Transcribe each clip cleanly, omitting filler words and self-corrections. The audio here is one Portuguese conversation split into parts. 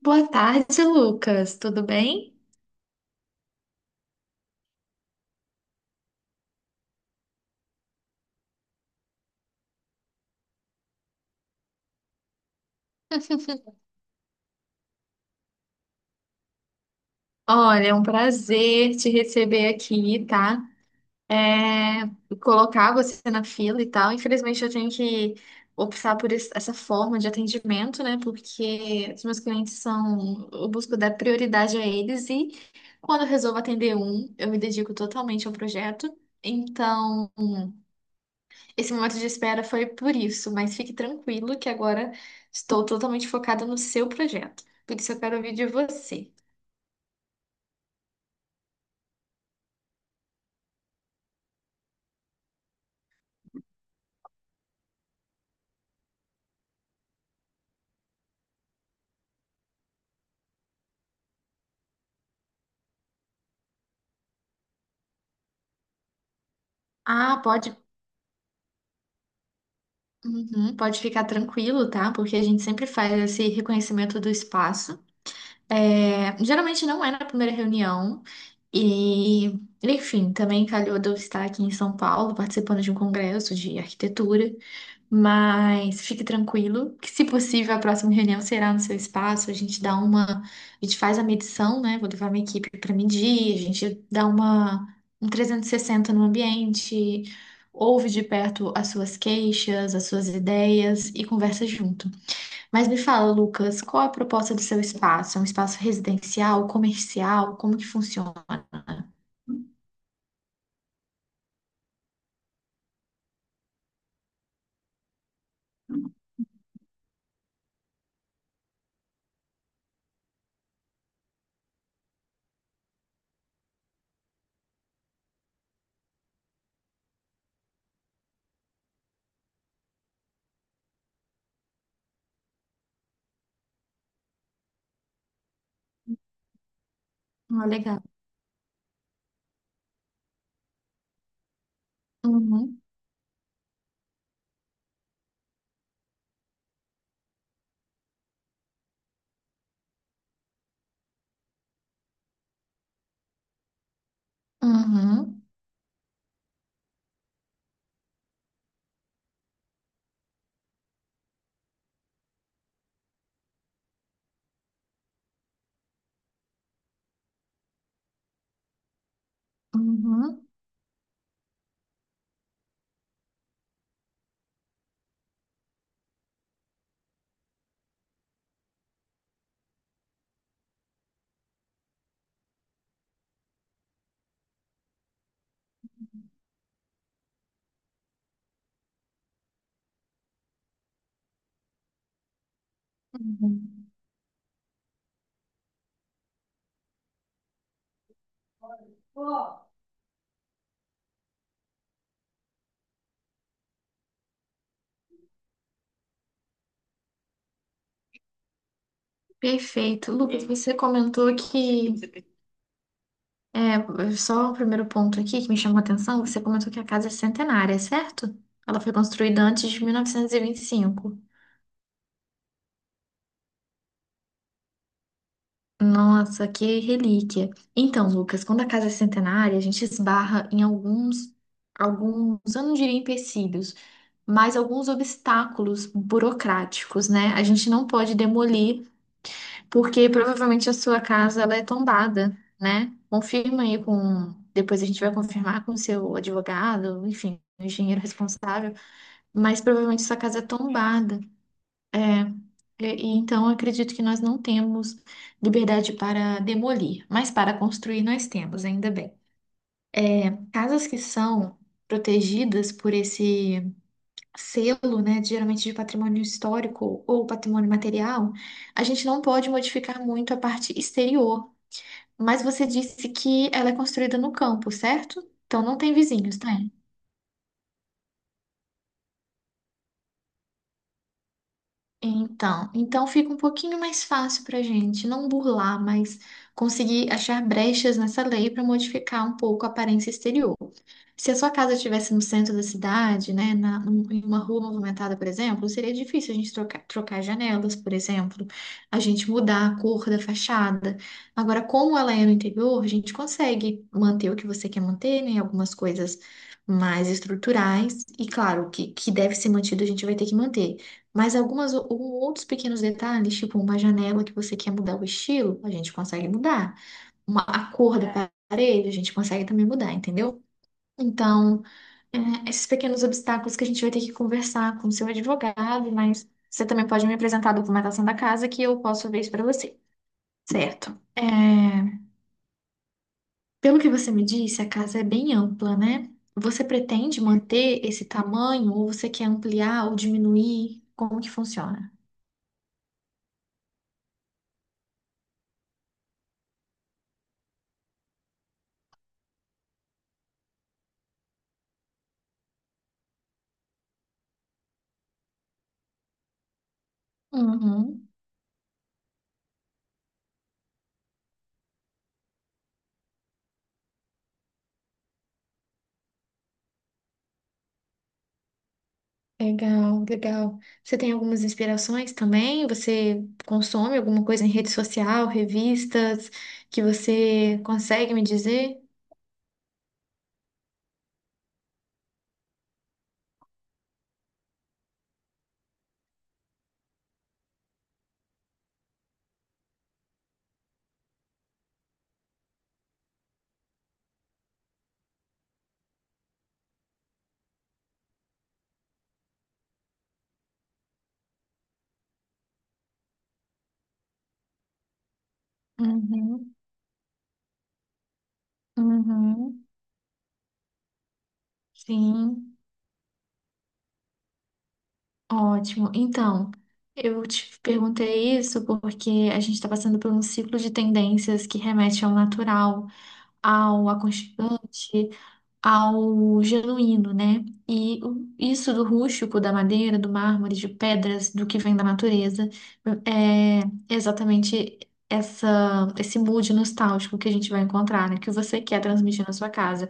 Boa tarde, Lucas. Tudo bem? Olha, é um prazer te receber aqui, tá? É, colocar você na fila e tal. Infelizmente, eu tenho que optar por essa forma de atendimento, né? Porque os meus clientes são. Eu busco dar prioridade a eles e quando eu resolvo atender um, eu me dedico totalmente ao projeto. Então. Esse momento de espera foi por isso, mas fique tranquilo que agora estou totalmente focada no seu projeto. Por isso eu quero ouvir de você. Ah, Uhum, pode ficar tranquilo, tá? Porque a gente sempre faz esse reconhecimento do espaço. Geralmente não é na primeira reunião. E, enfim, também calhou de eu estar aqui em São Paulo participando de um congresso de arquitetura. Mas fique tranquilo, que se possível a próxima reunião será no seu espaço. A gente faz a medição, né? Vou levar minha equipe para medir, a gente dá uma um 360 no ambiente, ouve de perto as suas queixas, as suas ideias e conversa junto. Mas me fala, Lucas, qual a proposta do seu espaço? É um espaço residencial, comercial? Como que funciona? Ah, legal. Uhum, uhum, uhum, uhum. Perfeito. Lucas, você comentou só o primeiro ponto aqui que me chamou a atenção, você comentou que a casa é centenária, certo? Ela foi construída antes de mil novecentos e vinte e cinco. Nossa, que relíquia. Então, Lucas, quando a casa é centenária, a gente esbarra em alguns, eu não diria empecilhos, mas alguns obstáculos burocráticos, né? A gente não pode demolir, porque provavelmente a sua casa ela é tombada, né? Confirma aí com. Depois a gente vai confirmar com o seu advogado, enfim, o engenheiro responsável, mas provavelmente sua casa é tombada. E então eu acredito que nós não temos liberdade para demolir, mas para construir nós temos, ainda bem. Casas que são protegidas por esse selo, né, geralmente de patrimônio histórico ou patrimônio material, a gente não pode modificar muito a parte exterior. Mas você disse que ela é construída no campo, certo? Então não tem vizinhos, tá? Então, fica um pouquinho mais fácil para a gente não burlar, mas conseguir achar brechas nessa lei para modificar um pouco a aparência exterior. Se a sua casa estivesse no centro da cidade, né, em uma rua movimentada, por exemplo, seria difícil a gente trocar janelas, por exemplo, a gente mudar a cor da fachada. Agora, como ela é no interior, a gente consegue manter o que você quer manter, né, algumas coisas mais estruturais, e claro, que deve ser mantido a gente vai ter que manter. Mas algumas outros pequenos detalhes, tipo uma janela que você quer mudar o estilo, a gente consegue mudar. A cor da parede, a gente consegue também mudar, entendeu? Então, esses pequenos obstáculos que a gente vai ter que conversar com o seu advogado, mas você também pode me apresentar a documentação da casa que eu posso ver isso para você. Certo. Pelo que você me disse, a casa é bem ampla, né? Você pretende manter esse tamanho ou você quer ampliar ou diminuir? Como que funciona? Uhum. Legal, legal. Você tem algumas inspirações também? Você consome alguma coisa em rede social, revistas, que você consegue me dizer? Uhum, uhum, sim, ótimo. Então, eu te perguntei isso porque a gente está passando por um ciclo de tendências que remete ao natural, ao aconchegante, ao genuíno, né? E isso do rústico, da madeira, do mármore, de pedras, do que vem da natureza, é exatamente esse mood nostálgico que a gente vai encontrar, né? Que você quer transmitir na sua casa.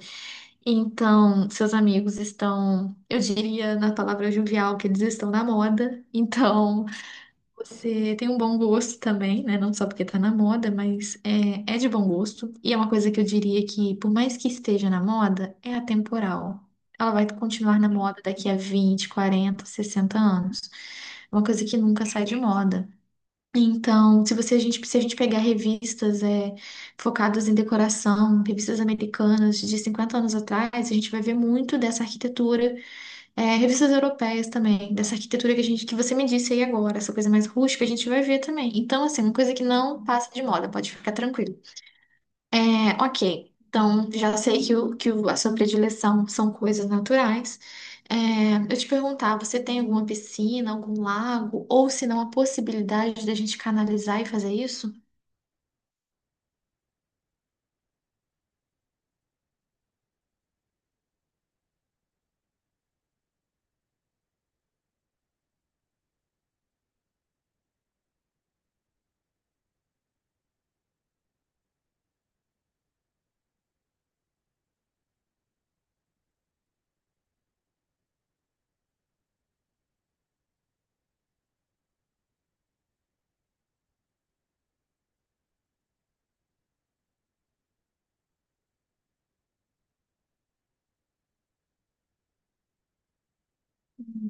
Então, seus amigos estão, eu diria na palavra jovial, que eles estão na moda. Então, você tem um bom gosto também, né? Não só porque tá na moda, mas é de bom gosto. E é uma coisa que eu diria que, por mais que esteja na moda, é atemporal. Ela vai continuar na moda daqui a 20, 40, 60 anos. É uma coisa que nunca sai de moda. Então, se se a gente pegar revistas focadas em decoração, revistas americanas de 50 anos atrás, a gente vai ver muito dessa arquitetura, revistas europeias também, dessa arquitetura que que você me disse aí agora, essa coisa mais rústica, a gente vai ver também. Então, assim, uma coisa que não passa de moda, pode ficar tranquilo. Ok. Então, já sei que a sua predileção são coisas naturais. Eu te perguntar, você tem alguma piscina, algum lago, ou se não, a possibilidade da gente canalizar e fazer isso?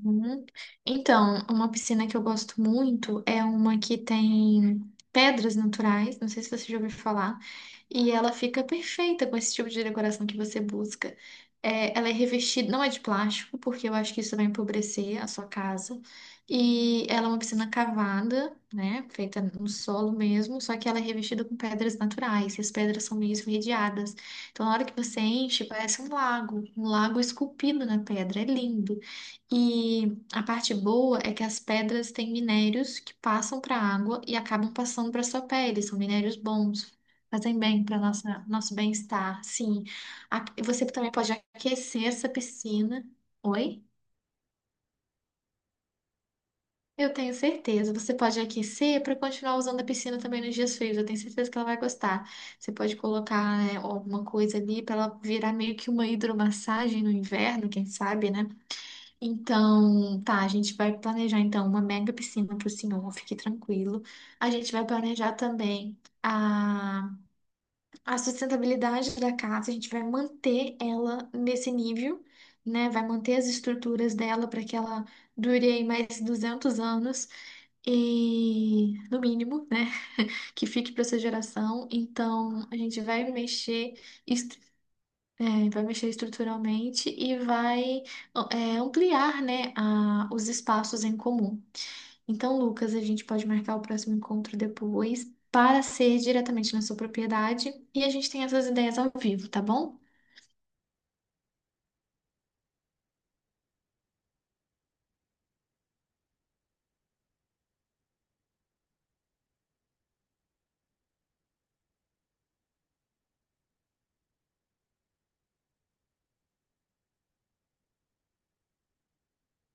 Uhum. Então, uma piscina que eu gosto muito é uma que tem pedras naturais, não sei se você já ouviu falar, e ela fica perfeita com esse tipo de decoração que você busca. Ela é revestida, não é de plástico, porque eu acho que isso vai empobrecer a sua casa. E ela é uma piscina cavada, né, feita no solo mesmo, só que ela é revestida com pedras naturais, e as pedras são meio esverdeadas. Então, na hora que você enche, parece um lago esculpido na pedra, é lindo. E a parte boa é que as pedras têm minérios que passam para a água e acabam passando para sua pele. São minérios bons, fazem bem para nossa nosso bem-estar. Sim, você também pode aquecer essa piscina. Oi? Eu tenho certeza. Você pode aquecer para continuar usando a piscina também nos dias frios. Eu tenho certeza que ela vai gostar. Você pode colocar, né, alguma coisa ali para ela virar meio que uma hidromassagem no inverno, quem sabe, né? Então, tá, a gente vai planejar então uma mega piscina para o senhor, fique tranquilo. A gente vai planejar também a sustentabilidade da casa, a gente vai manter ela nesse nível, né? Vai manter as estruturas dela para que ela dure aí mais 200 anos e, no mínimo, né? Que fique para essa geração. Então, a gente vai mexer. Vai mexer estruturalmente e vai ampliar, né, os espaços em comum. Então, Lucas, a gente pode marcar o próximo encontro depois para ser diretamente na sua propriedade e a gente tem essas ideias ao vivo, tá bom?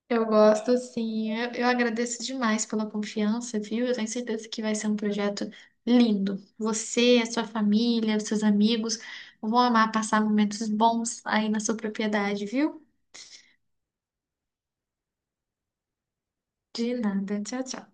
Eu gosto, sim. Eu agradeço demais pela confiança, viu? Eu tenho certeza que vai ser um projeto lindo. Você, a sua família, os seus amigos vão amar passar momentos bons aí na sua propriedade, viu? De nada. Tchau, tchau.